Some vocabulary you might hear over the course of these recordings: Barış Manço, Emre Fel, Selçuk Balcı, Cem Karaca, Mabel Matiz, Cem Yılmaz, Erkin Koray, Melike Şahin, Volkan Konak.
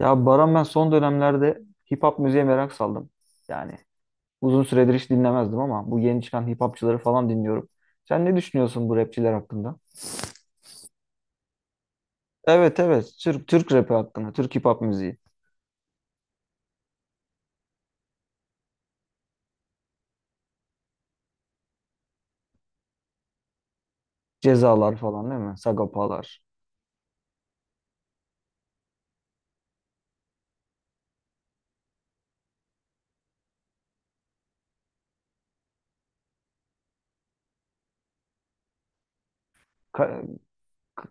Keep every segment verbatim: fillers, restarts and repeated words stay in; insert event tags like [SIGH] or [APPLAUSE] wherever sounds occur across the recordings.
Ya Baran ben son dönemlerde hip hop müziğe merak saldım. Yani uzun süredir hiç dinlemezdim ama bu yeni çıkan hip hopçıları falan dinliyorum. Sen ne düşünüyorsun bu rapçiler hakkında? Evet, evet, Türk Türk rapi hakkında, Türk hip hop müziği. Cezalar falan değil mi? Sagapalar. Ka k-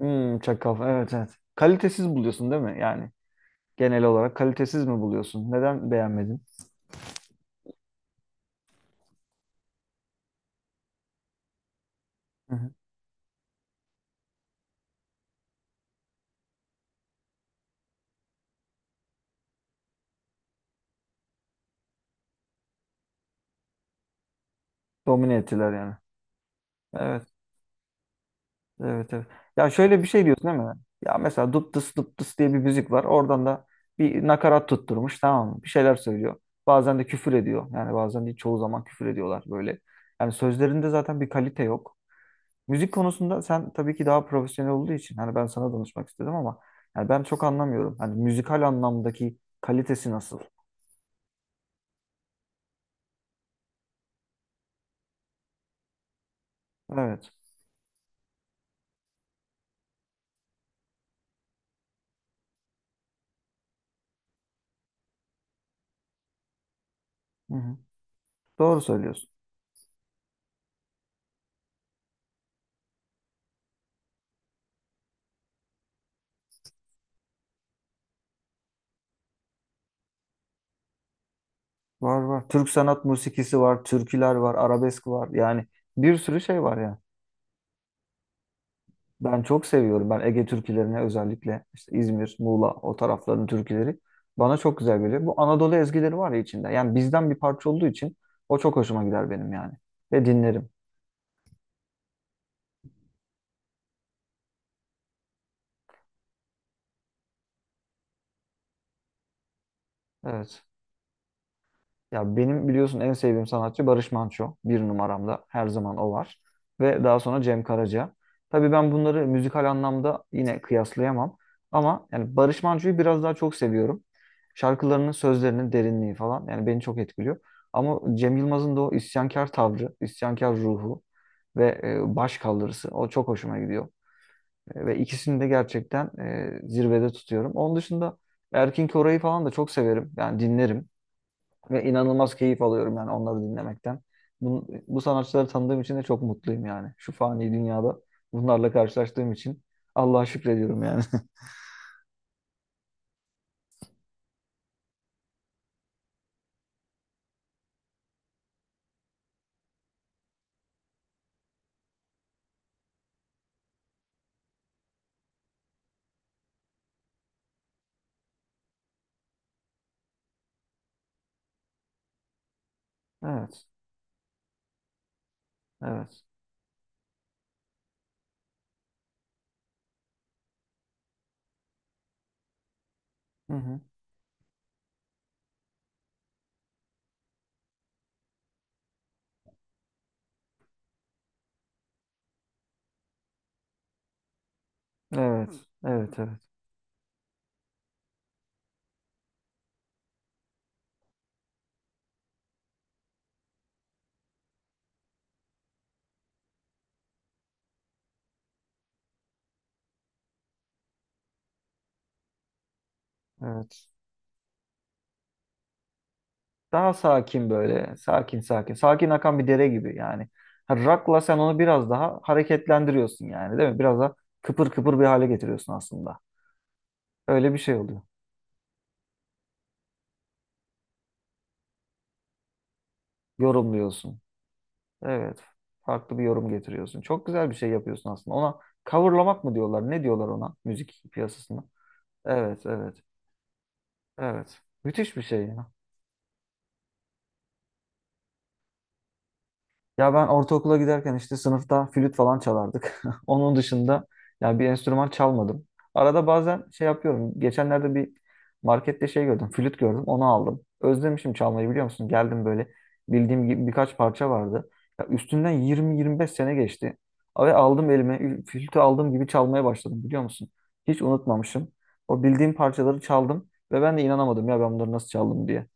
hmm, Çakal, evet, evet. Kalitesiz buluyorsun değil mi? Yani genel olarak kalitesiz mi buluyorsun? Neden beğenmedin? Hı hı. Domine ettiler yani. Evet. Evet, evet. Ya şöyle bir şey diyorsun değil mi? Ya mesela dup dıs dup dıs diye bir müzik var. Oradan da bir nakarat tutturmuş, tamam mı? Bir şeyler söylüyor. Bazen de küfür ediyor. Yani bazen değil çoğu zaman küfür ediyorlar böyle. Yani sözlerinde zaten bir kalite yok. Müzik konusunda sen tabii ki daha profesyonel olduğu için hani ben sana danışmak istedim ama yani ben çok anlamıyorum. Hani müzikal anlamdaki kalitesi nasıl? Evet. Hı hı. Doğru söylüyorsun. Var var. Türk sanat musikisi var, türküler var, arabesk var. Yani bir sürü şey var yani. Ben çok seviyorum. Ben Ege türkülerini özellikle işte İzmir, Muğla o tarafların türküleri bana çok güzel geliyor. Bu Anadolu ezgileri var ya içinde. Yani bizden bir parça olduğu için o çok hoşuma gider benim yani. Ve dinlerim. Evet. Ya benim biliyorsun en sevdiğim sanatçı Barış Manço. Bir numaramda her zaman o var. Ve daha sonra Cem Karaca. Tabii ben bunları müzikal anlamda yine kıyaslayamam. Ama yani Barış Manço'yu biraz daha çok seviyorum. Şarkılarının sözlerinin derinliği falan yani beni çok etkiliyor. Ama Cem Yılmaz'ın da o isyankar tavrı, isyankar ruhu ve e, baş kaldırısı o çok hoşuma gidiyor. E, ve ikisini de gerçekten e, zirvede tutuyorum. Onun dışında Erkin Koray'ı falan da çok severim. Yani dinlerim. Ve inanılmaz keyif alıyorum yani onları dinlemekten. Bu, bu sanatçıları tanıdığım için de çok mutluyum yani. Şu fani dünyada bunlarla karşılaştığım için Allah'a şükrediyorum yani. [LAUGHS] Evet, evet. Hı hı. Evet, evet, evet, evet. Daha sakin böyle, sakin sakin. Sakin akan bir dere gibi yani. Ha, Rock'la sen onu biraz daha hareketlendiriyorsun yani değil mi? Biraz daha kıpır kıpır bir hale getiriyorsun aslında. Öyle bir şey oluyor. Yorumluyorsun. Evet. Farklı bir yorum getiriyorsun. Çok güzel bir şey yapıyorsun aslında. Ona coverlamak mı diyorlar? Ne diyorlar ona müzik piyasasında? Evet, evet, evet. Müthiş bir şey. Ya ben ortaokula giderken işte sınıfta flüt falan çalardık. [LAUGHS] Onun dışında ya bir enstrüman çalmadım. Arada bazen şey yapıyorum. Geçenlerde bir markette şey gördüm. Flüt gördüm. Onu aldım. Özlemişim çalmayı, biliyor musun? Geldim böyle, bildiğim gibi birkaç parça vardı. Ya üstünden yirmi yirmi beş sene geçti. Ve aldım elime, ü- flütü aldığım gibi çalmaya başladım, biliyor musun? Hiç unutmamışım. O bildiğim parçaları çaldım ve ben de inanamadım ya, ben bunları nasıl çaldım diye.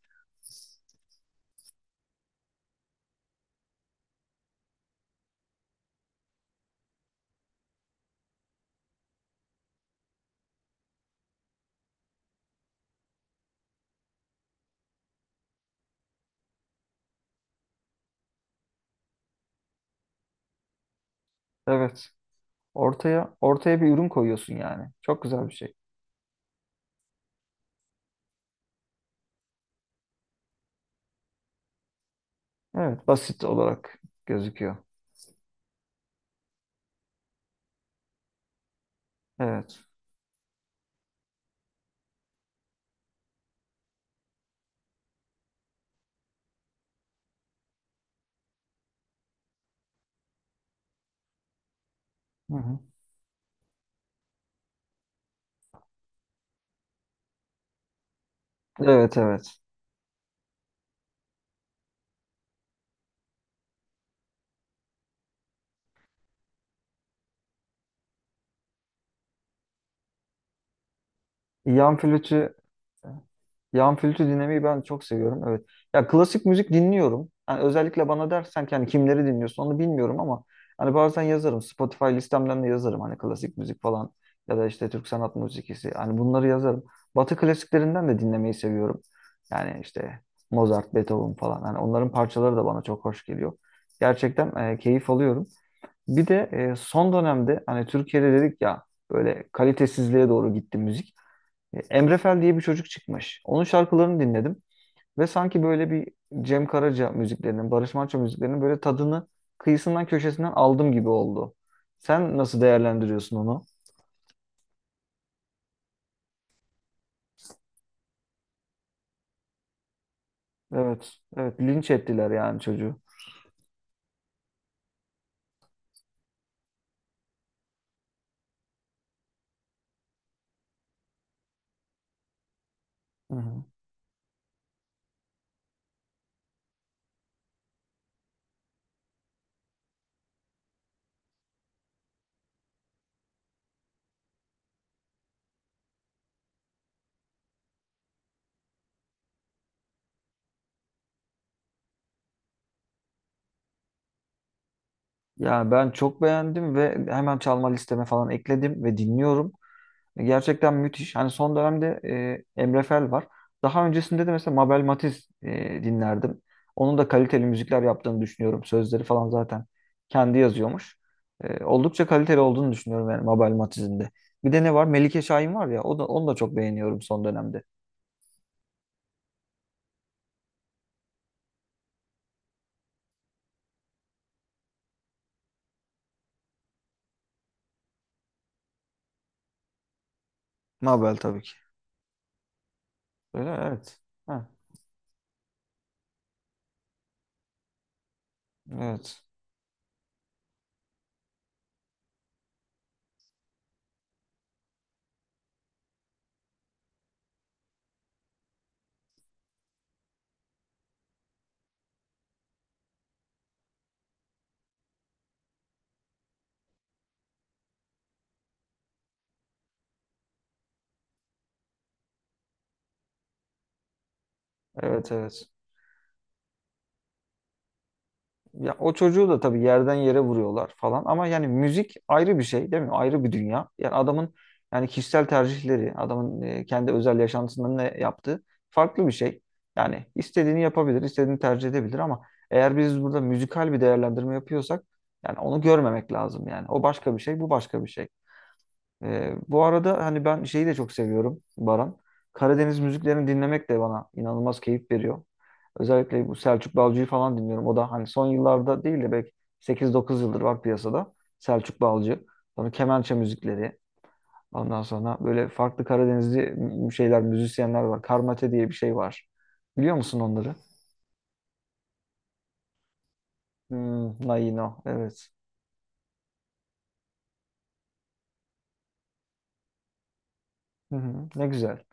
Evet. Ortaya ortaya bir ürün koyuyorsun yani. Çok güzel bir şey. Evet, basit olarak gözüküyor. Evet. Hı hı. Evet, evet. Yan flütü Yan flütü dinlemeyi ben çok seviyorum. Evet. Ya klasik müzik dinliyorum. Yani özellikle bana dersen ki hani kimleri dinliyorsun onu bilmiyorum ama hani bazen yazarım. Spotify listemden de yazarım, hani klasik müzik falan ya da işte Türk sanat müziği, hani bunları yazarım. Batı klasiklerinden de dinlemeyi seviyorum. Yani işte Mozart, Beethoven falan. Hani onların parçaları da bana çok hoş geliyor. Gerçekten e, keyif alıyorum. Bir de e, son dönemde hani Türkiye'de dedik ya, böyle kalitesizliğe doğru gitti müzik. E, Emre Fel diye bir çocuk çıkmış. Onun şarkılarını dinledim ve sanki böyle bir Cem Karaca müziklerinin, Barış Manço müziklerinin böyle tadını kıyısından köşesinden aldım gibi oldu. Sen nasıl değerlendiriyorsun onu? Evet, evet, linç ettiler yani çocuğu. Hı hı. Ya ben çok beğendim ve hemen çalma listeme falan ekledim ve dinliyorum. Gerçekten müthiş. Hani son dönemde e, Emre Fel var. Daha öncesinde de mesela Mabel Matiz e, dinlerdim. Onun da kaliteli müzikler yaptığını düşünüyorum. Sözleri falan zaten kendi yazıyormuş. E, oldukça kaliteli olduğunu düşünüyorum yani Mabel Matiz'in de. Bir de ne var? Melike Şahin var ya. O da, onu da çok beğeniyorum son dönemde. Mabel tabii ki. Öyle, evet. Ha, evet. Evet, evet. Ya o çocuğu da tabii yerden yere vuruyorlar falan ama yani müzik ayrı bir şey değil mi? Ayrı bir dünya. Yani adamın, yani kişisel tercihleri, adamın e, kendi özel yaşantısında ne yaptığı farklı bir şey. Yani istediğini yapabilir, istediğini tercih edebilir ama eğer biz burada müzikal bir değerlendirme yapıyorsak yani onu görmemek lazım yani. O başka bir şey, bu başka bir şey. Ee, bu arada hani ben şeyi de çok seviyorum Baran. Karadeniz müziklerini dinlemek de bana inanılmaz keyif veriyor. Özellikle bu Selçuk Balcı'yı falan dinliyorum. O da hani son yıllarda değil de belki sekiz dokuz yıldır var piyasada. Selçuk Balcı. Sonra kemençe müzikleri. Ondan sonra böyle farklı Karadenizli m- şeyler, müzisyenler var. Karmate diye bir şey var. Biliyor musun onları? Hmm, Naino. Evet. Hı hı, ne güzel.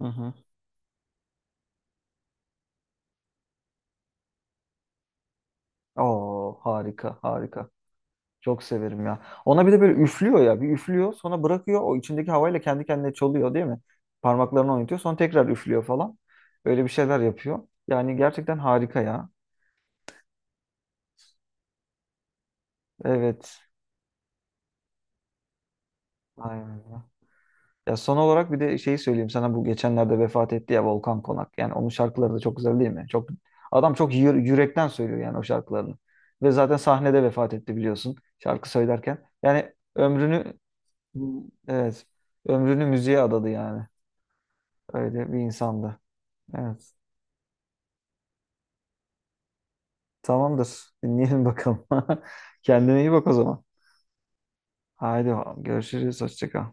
Hı hı. Oo, harika, harika. Çok severim ya. Ona bir de böyle üflüyor ya. Bir üflüyor sonra bırakıyor. O içindeki havayla kendi kendine çalıyor değil mi? Parmaklarını oynatıyor. Sonra tekrar üflüyor falan. Öyle bir şeyler yapıyor. Yani gerçekten harika ya. Evet. Aynen, öyle. Ya son olarak bir de şeyi söyleyeyim sana. Bu geçenlerde vefat etti ya Volkan Konak. Yani onun şarkıları da çok güzel değil mi? Çok. Adam çok yü- yürekten söylüyor yani o şarkılarını. Ve zaten sahnede vefat etti, biliyorsun. Şarkı söylerken. Yani ömrünü, evet, ömrünü müziğe adadı yani. Öyle bir insandı. Evet. Tamamdır. Dinleyelim bakalım. [LAUGHS] Kendine iyi bak o zaman. Haydi bakalım. Görüşürüz. Hoşça kal.